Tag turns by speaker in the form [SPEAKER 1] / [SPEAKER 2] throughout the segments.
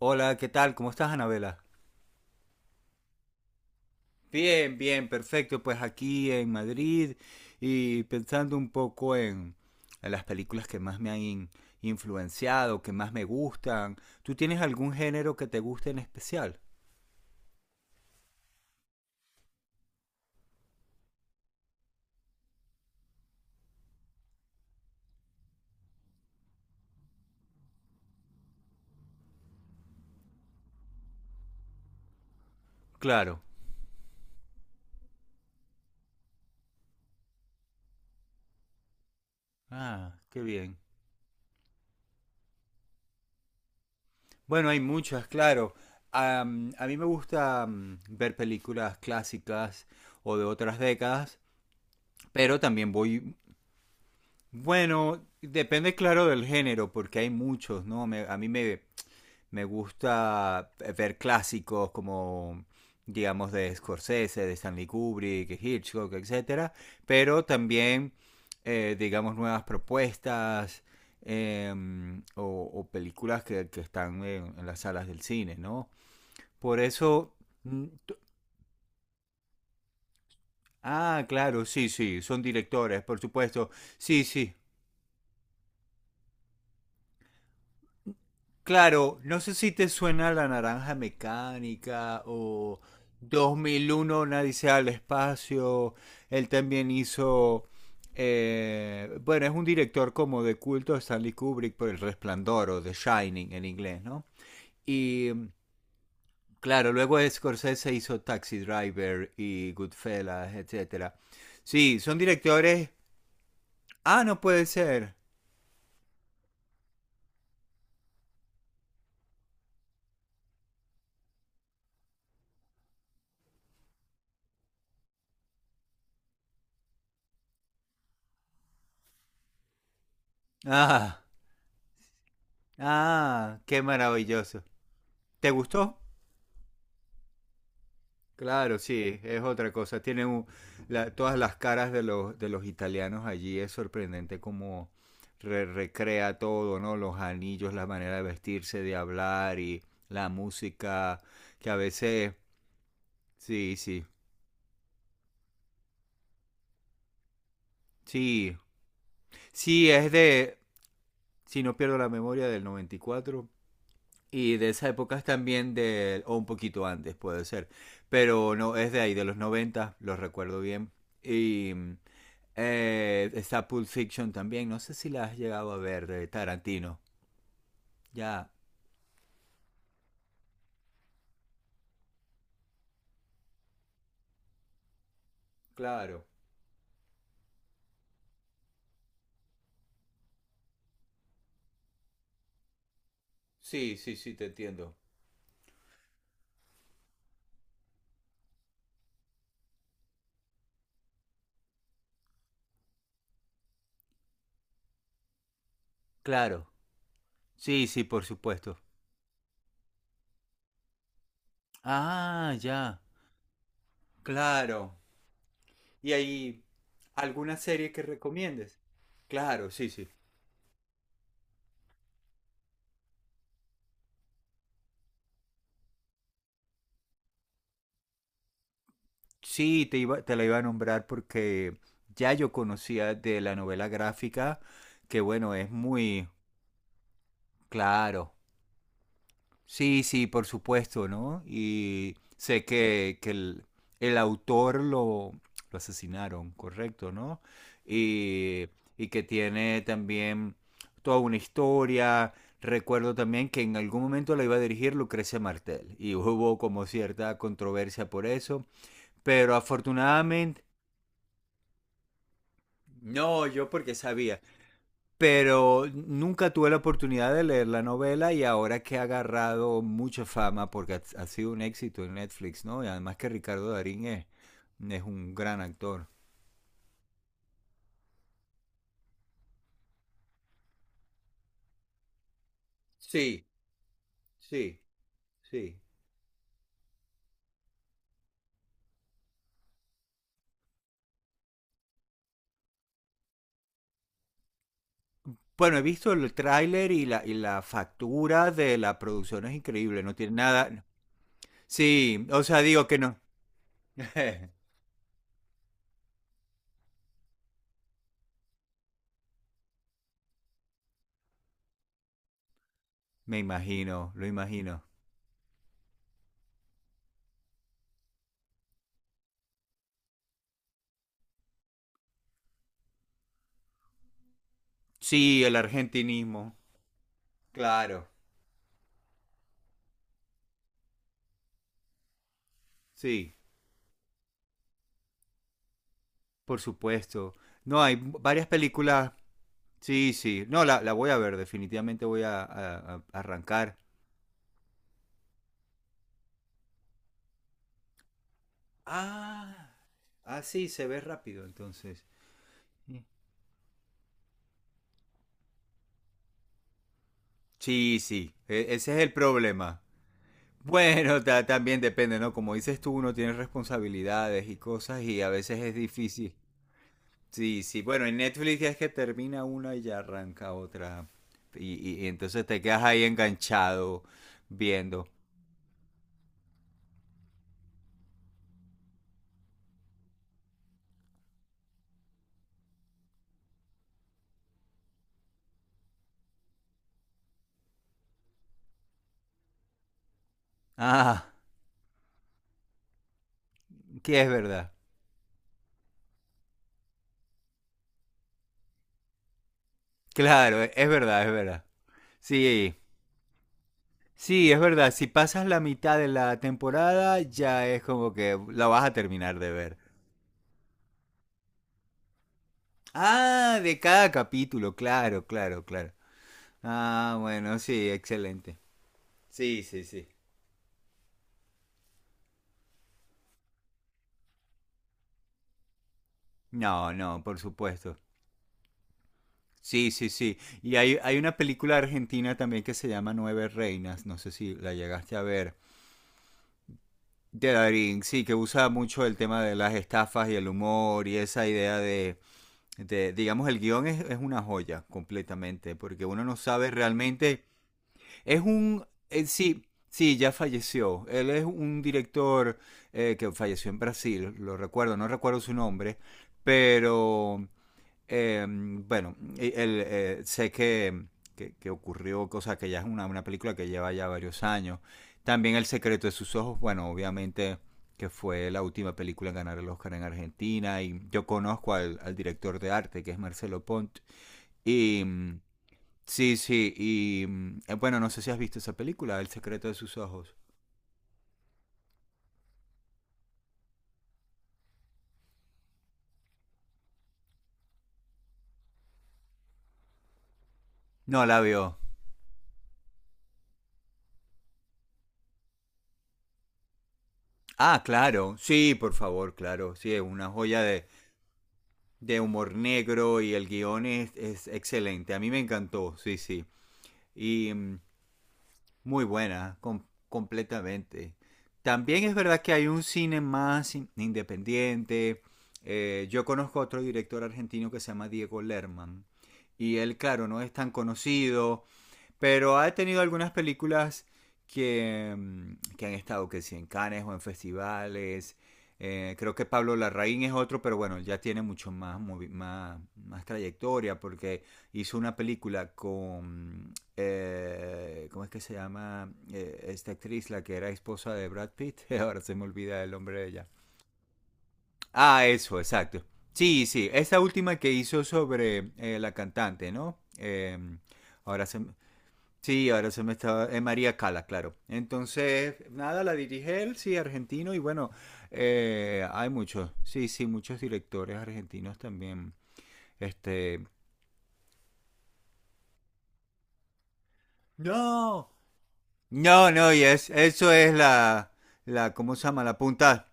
[SPEAKER 1] Hola, ¿qué tal? ¿Cómo estás, Anabela? Bien, bien, perfecto. Pues aquí en Madrid y pensando un poco en las películas que más me han influenciado, que más me gustan. ¿Tú tienes algún género que te guste en especial? Claro. Ah, qué bien. Bueno, hay muchas, claro. A mí me gusta ver películas clásicas o de otras décadas, pero también voy, bueno, depende claro del género, porque hay muchos, ¿no? Me gusta ver clásicos como, digamos, de Scorsese, de Stanley Kubrick, Hitchcock, etcétera. Pero también, digamos, nuevas propuestas, eh, o, o películas que están en las salas del cine, ¿no? Por eso. mm, t- Ah, claro, sí, sí, son directores, por supuesto. Sí, sí. Claro, no sé si te suena La Naranja Mecánica o 2001 va al espacio. Él también hizo, bueno, es un director como de culto, de Stanley Kubrick, por El Resplandor o The Shining en inglés, ¿no? Y claro, luego Scorsese hizo Taxi Driver y Goodfellas, etcétera. Sí, son directores. Ah, no puede ser. Ah, ah, qué maravilloso. ¿Te gustó? Claro, sí, es otra cosa. Tiene todas las caras de los italianos allí. Es sorprendente cómo recrea todo, ¿no? Los anillos, la manera de vestirse, de hablar y la música, que a veces... Sí, sí, sí. Sí, es de... Si no pierdo la memoria, del noventa y cuatro y de esa época es también de... o un poquito antes, puede ser. Pero no, es de ahí, de los 90 lo recuerdo bien. Y... está Pulp Fiction también, no sé si la has llegado a ver, de Tarantino. Ya, claro. Sí, sí, sí, te entiendo. Claro. Sí, sí, por supuesto. Ah, ya. Claro. ¿Y ahí alguna serie que recomiendes? Claro, sí, sí. Sí, te la iba a nombrar porque ya yo conocía de la novela gráfica, que bueno, es muy claro. Sí, sí, por supuesto, ¿no? Y sé que el autor lo asesinaron, correcto, ¿no? Y, y que tiene también toda una historia. Recuerdo también que en algún momento la iba a dirigir Lucrecia Martel y hubo como cierta controversia por eso, pero afortunadamente... No, yo porque sabía, pero nunca tuve la oportunidad de leer la novela, y ahora que ha agarrado mucha fama porque ha sido un éxito en Netflix, ¿no? Y además que Ricardo Darín es un gran actor. Sí, sí, sí. Bueno, he visto el tráiler y la factura de la producción es increíble, no tiene nada. No. Sí, o sea, digo que no. Me imagino, lo imagino. Sí, el argentinismo, claro, sí, por supuesto. No, hay varias películas. Sí, sí. No, la voy a ver, definitivamente voy a arrancar. Ah, ah, sí, se ve rápido entonces. Sí, sí, ese es el problema. Bueno, también depende, ¿no? Como dices tú, uno tiene responsabilidades y cosas y a veces es difícil. Sí, sí, bueno, en Netflix ya es que termina una y ya arranca otra. Y entonces te quedas ahí enganchado viendo. Ah, que es verdad. Claro, es verdad, es verdad. Sí. Sí, es verdad, si pasas la mitad de la temporada ya es como que la vas a terminar de ver. Ah, de cada capítulo, claro, claro, claro. Ah, bueno, sí, excelente. Sí, sí, sí. No, no, por supuesto. Sí, sí, sí. Y hay una película argentina también que se llama Nueve Reinas, no sé si la llegaste a ver, de Darín, sí, que usa mucho el tema de las estafas y el humor y esa idea de digamos, el guión es una joya completamente, porque uno no sabe realmente. Es un... sí, sí, ya falleció. Él es un director, que falleció en Brasil, lo recuerdo, no recuerdo su nombre, pero bueno, y sé que ocurrió, cosa que ya es una película que lleva ya varios años. También El secreto de sus ojos, bueno, obviamente, que fue la última película en ganar el Oscar en Argentina, y yo conozco al director de arte, que es Marcelo Pont, y sí, sí, bueno, no sé si has visto esa película, El secreto de sus ojos. No la vio. Ah, claro, sí, por favor, claro, sí, es una joya de humor negro, y el guión es excelente. A mí me encantó, sí, sí. Y muy buena, completamente. También es verdad que hay un cine más independiente. Yo conozco a otro director argentino que se llama Diego Lerman. Y él, claro, no es tan conocido, pero ha tenido algunas películas que han estado, que si en Cannes o en festivales. Creo que Pablo Larraín es otro, pero bueno, ya tiene mucho más trayectoria, porque hizo una película con, ¿cómo es que se llama? Esta actriz, la que era esposa de Brad Pitt. Ahora se me olvida el nombre de ella. Ah, eso, exacto. Sí, sí, esta última que hizo sobre, la cantante, ¿no? Ahora se, Sí, ahora se me estaba... Es María Cala, claro. Entonces, nada, la dirige él, sí, argentino. Y bueno, hay muchos, sí, sí, muchos directores argentinos también. Este. No, no, no, y eso es la, ¿cómo se llama? La punta.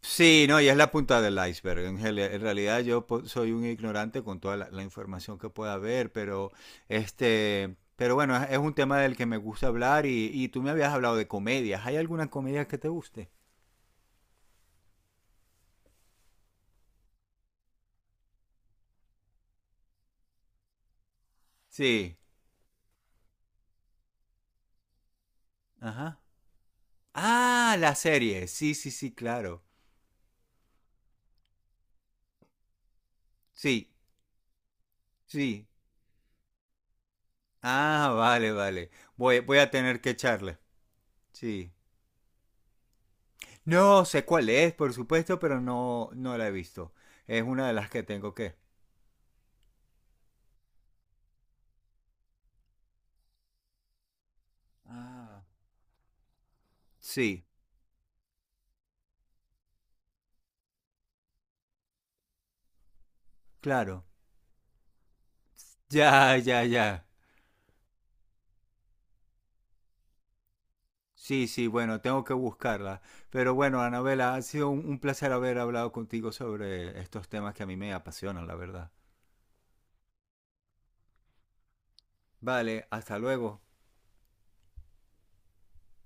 [SPEAKER 1] Sí, no, y es la punta del iceberg. En realidad yo soy un ignorante con toda la información que pueda haber, pero bueno, es un tema del que me gusta hablar, y tú me habías hablado de comedias. ¿Hay alguna comedia que te guste? Sí. Ajá. Ah, la serie. Sí, sí, sí, claro. Sí, sí. Ah, vale, vale. Voy a tener que echarle. Sí. No sé cuál es, por supuesto, pero no, no la he visto. Es una de las que tengo que... Ah. Sí, claro. Ya, ya, ya. Sí, sí, bueno, tengo que buscarla. Pero bueno, Anabela, ha sido un placer haber hablado contigo sobre estos temas que a mí me apasionan, la verdad. Vale, hasta luego.